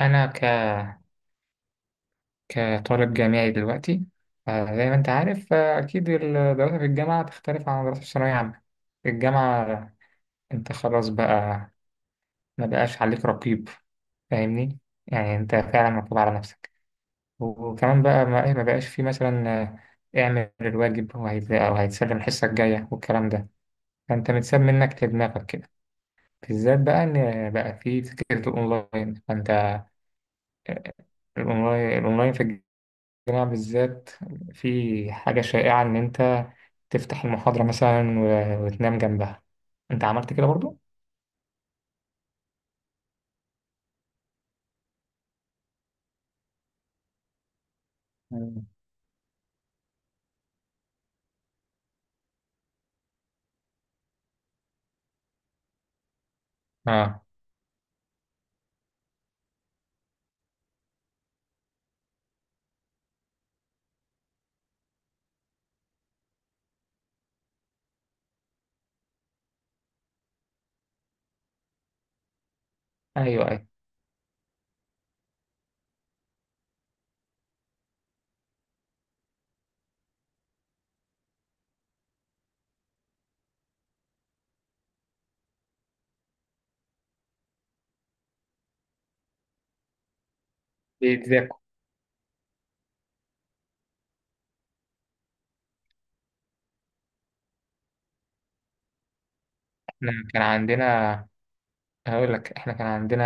أنا ك... كطالب جامعي دلوقتي، زي ما أنت عارف، أكيد الدراسة في الجامعة تختلف عن الدراسة في الثانوية عامة. في الجامعة أنت خلاص بقى، ما بقاش عليك رقيب، فاهمني؟ يعني أنت فعلا مطلوب على نفسك. وكمان بقى ما بقاش في مثلا اعمل الواجب أو هيتسلم الحصة الجاية والكلام ده. فأنت متساب منك لدماغك كده، بالذات بقى إن بقى في فكرة الأونلاين. فأنت الأونلاين في الجامعة بالذات في حاجة شائعة إن أنت تفتح المحاضرة مثلا وتنام جنبها. أنت عملت كده برضو؟ مم. آه. أيوه، أيوه، بيتذاكوا. إحنا كان عندنا هقول لك إحنا كان عندنا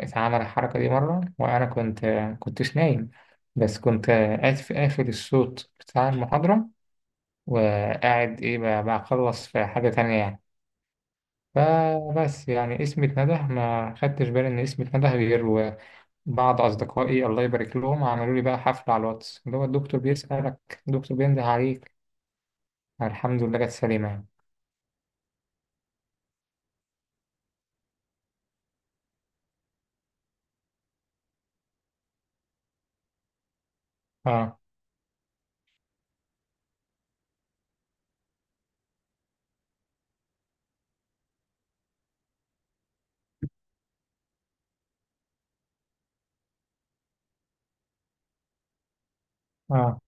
اتعمل الحركة دي مرة، وأنا كنتش نايم، بس كنت قافل الصوت بتاع المحاضرة، وقاعد بخلص في حاجة تانية يعني. فبس يعني اسمي اتنده، ما خدتش بالي إن اسمي اتنده غير بعض أصدقائي الله يبارك لهم عملوا لي بقى حفلة على الواتس، اللي هو الدكتور بيسألك، الدكتور بينده عليك. الحمد لله جت سليمة يعني. اه، اه.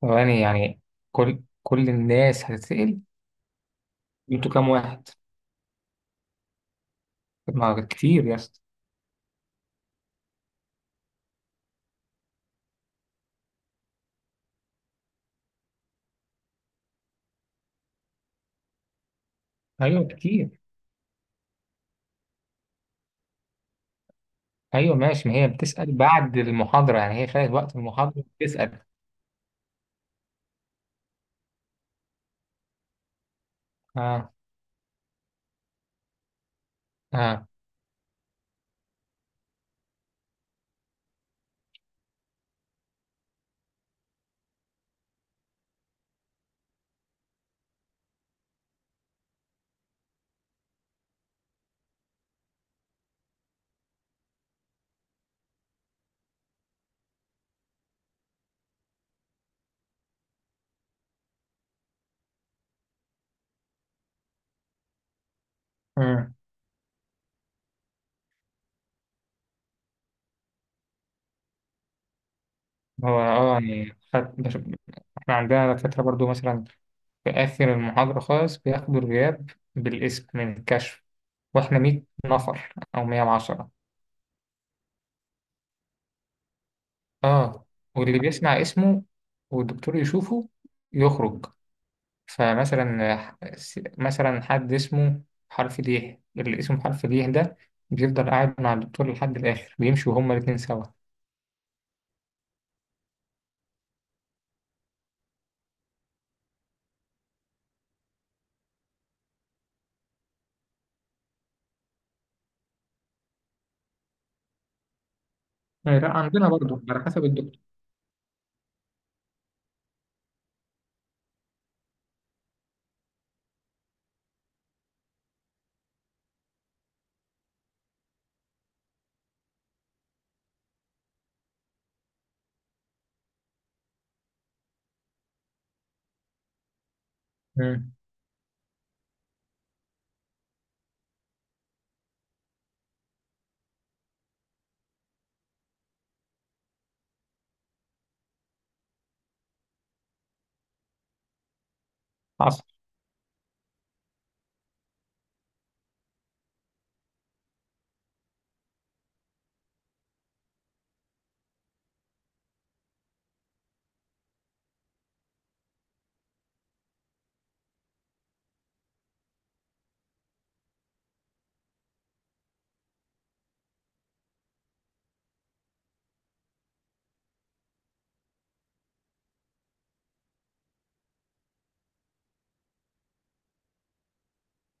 ثواني يعني، كل الناس هتتسأل. انتوا كام واحد؟ طب ما كتير يا اسطى. ايوه كتير. ايوه، ماشي، ما هي بتسأل بعد المحاضرة يعني، هي خدت وقت المحاضرة بتسأل. اه، اه. مم. هو يعني احنا عندنا دكاترة برضو مثلا في آخر المحاضرة خالص بياخدوا الغياب بالاسم من الكشف. واحنا 100 نفر او 110. اه، واللي بيسمع اسمه والدكتور يشوفه يخرج. فمثلا مثلا حد اسمه حرف ليه، اللي اسمه حرف ليه ده بيفضل قاعد مع الدكتور لحد الاخر، بيمشوا هما الاتنين سوا. لا، عندنا برضو على حسب الدكتور. مم. حصل.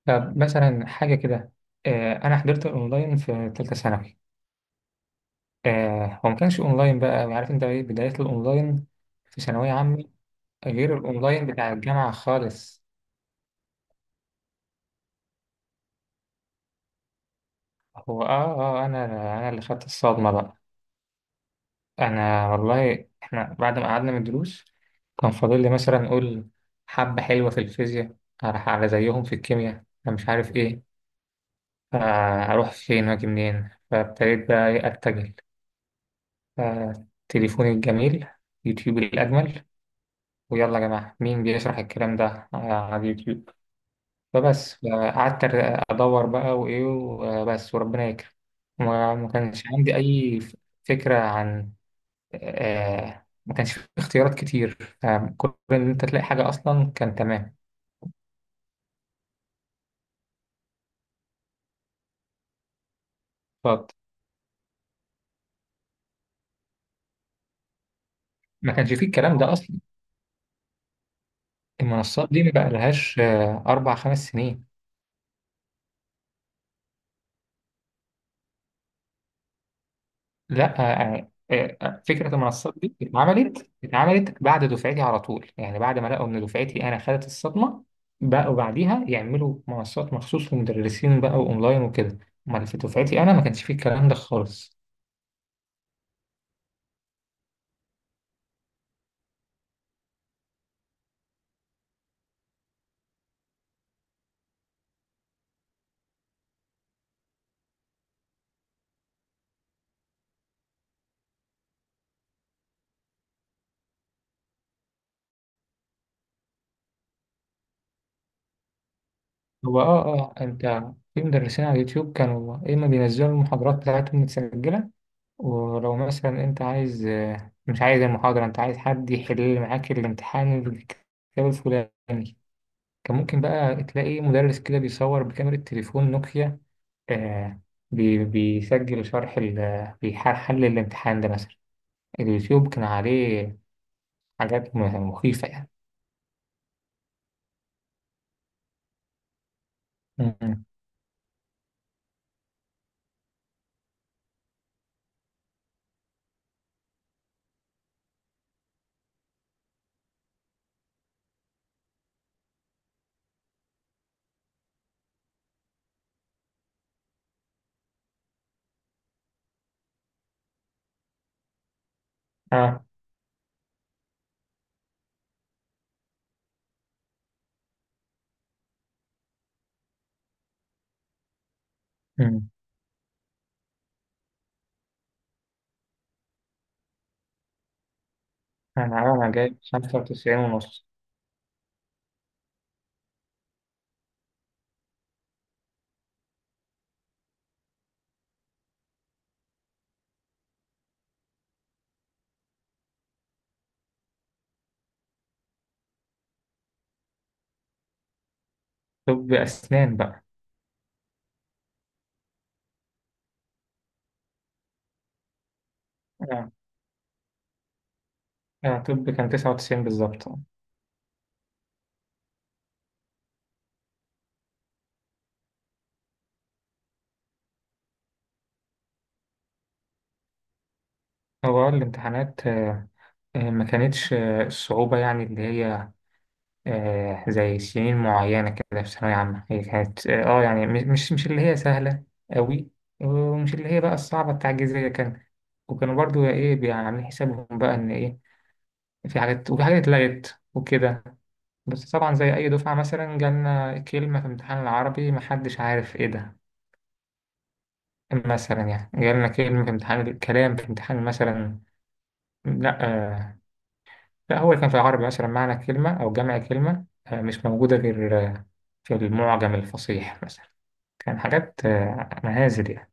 طب مثلا حاجة كده، أنا حضرت الأونلاين في تالتة ثانوي. آه، هو ما كانش أونلاين، بقى عارف أنت إيه بداية الأونلاين في ثانوية عامة، غير الأونلاين بتاع الجامعة خالص. هو، أنا اللي خدت الصدمة بقى. أنا والله إحنا بعد ما قعدنا من الدروس كان فاضل لي مثلا أقول حبة حلوة في الفيزياء، أروح على زيهم في الكيمياء، أنا مش عارف إيه، فأروح فين وأجي منين؟ فابتديت بقى أتجه تليفوني الجميل، يوتيوب الأجمل. ويلا يا جماعة، مين بيشرح الكلام ده على اليوتيوب؟ فبس، قعدت أدور بقى وإيه وبس، وربنا يكرم. وما ما كانش عندي أي فكرة عن، ما كانش في اختيارات كتير، فكل إن أنت تلاقي حاجة أصلا كان تمام. فما كانش فيه الكلام ده أصلا. المنصات دي ما بقى لهاش 4 5 سنين. لا، فكرة المنصات دي اتعملت بعد دفعتي على طول، يعني بعد ما لقوا إن دفعتي أنا خدت الصدمة. بقوا بعديها يعملوا منصات مخصوص للمدرسين بقى وأونلاين وكده. أمال في دفعتي أنا ما كانش فيه الكلام ده خالص. هو، أنت، في مدرسين على اليوتيوب كانوا يا إما بينزلوا المحاضرات بتاعتهم متسجلة، ولو مثلا أنت عايز، مش عايز المحاضرة، أنت عايز حد يحل معاك الامتحان الكتاب الفلاني، كان ممكن بقى تلاقي مدرس كده بيصور بكاميرا تليفون نوكيا، آه بيسجل شرح بيحل الامتحان ده مثلا. اليوتيوب كان عليه حاجات مخيفة يعني. مم. اه. مم. أنا جايب 95 ونص. طب أسنان بقى. اه، اه، طب كان 99 بالظبط. هو، الامتحانات ما كانتش الصعوبة يعني، اللي هي زي سنين معينة كده في ثانوية عامة، هي كانت يعني مش اللي هي سهلة أوي، ومش اللي هي بقى الصعبة التعجيزية كان. وكانوا برضو عاملين حسابهم بقى ان في حاجات، وفي حاجات اتلغت وكده. بس طبعا زي أي دفعة مثلا جالنا كلمة في امتحان العربي محدش عارف ايه ده، مثلا يعني جالنا كلمة في امتحان الكلام في امتحان مثلا، لا، لا، هو اللي كان في العربي مثلا معنى كلمة أو جمع كلمة مش موجودة غير في المعجم الفصيح مثلا، كان حاجات مهازل يعني.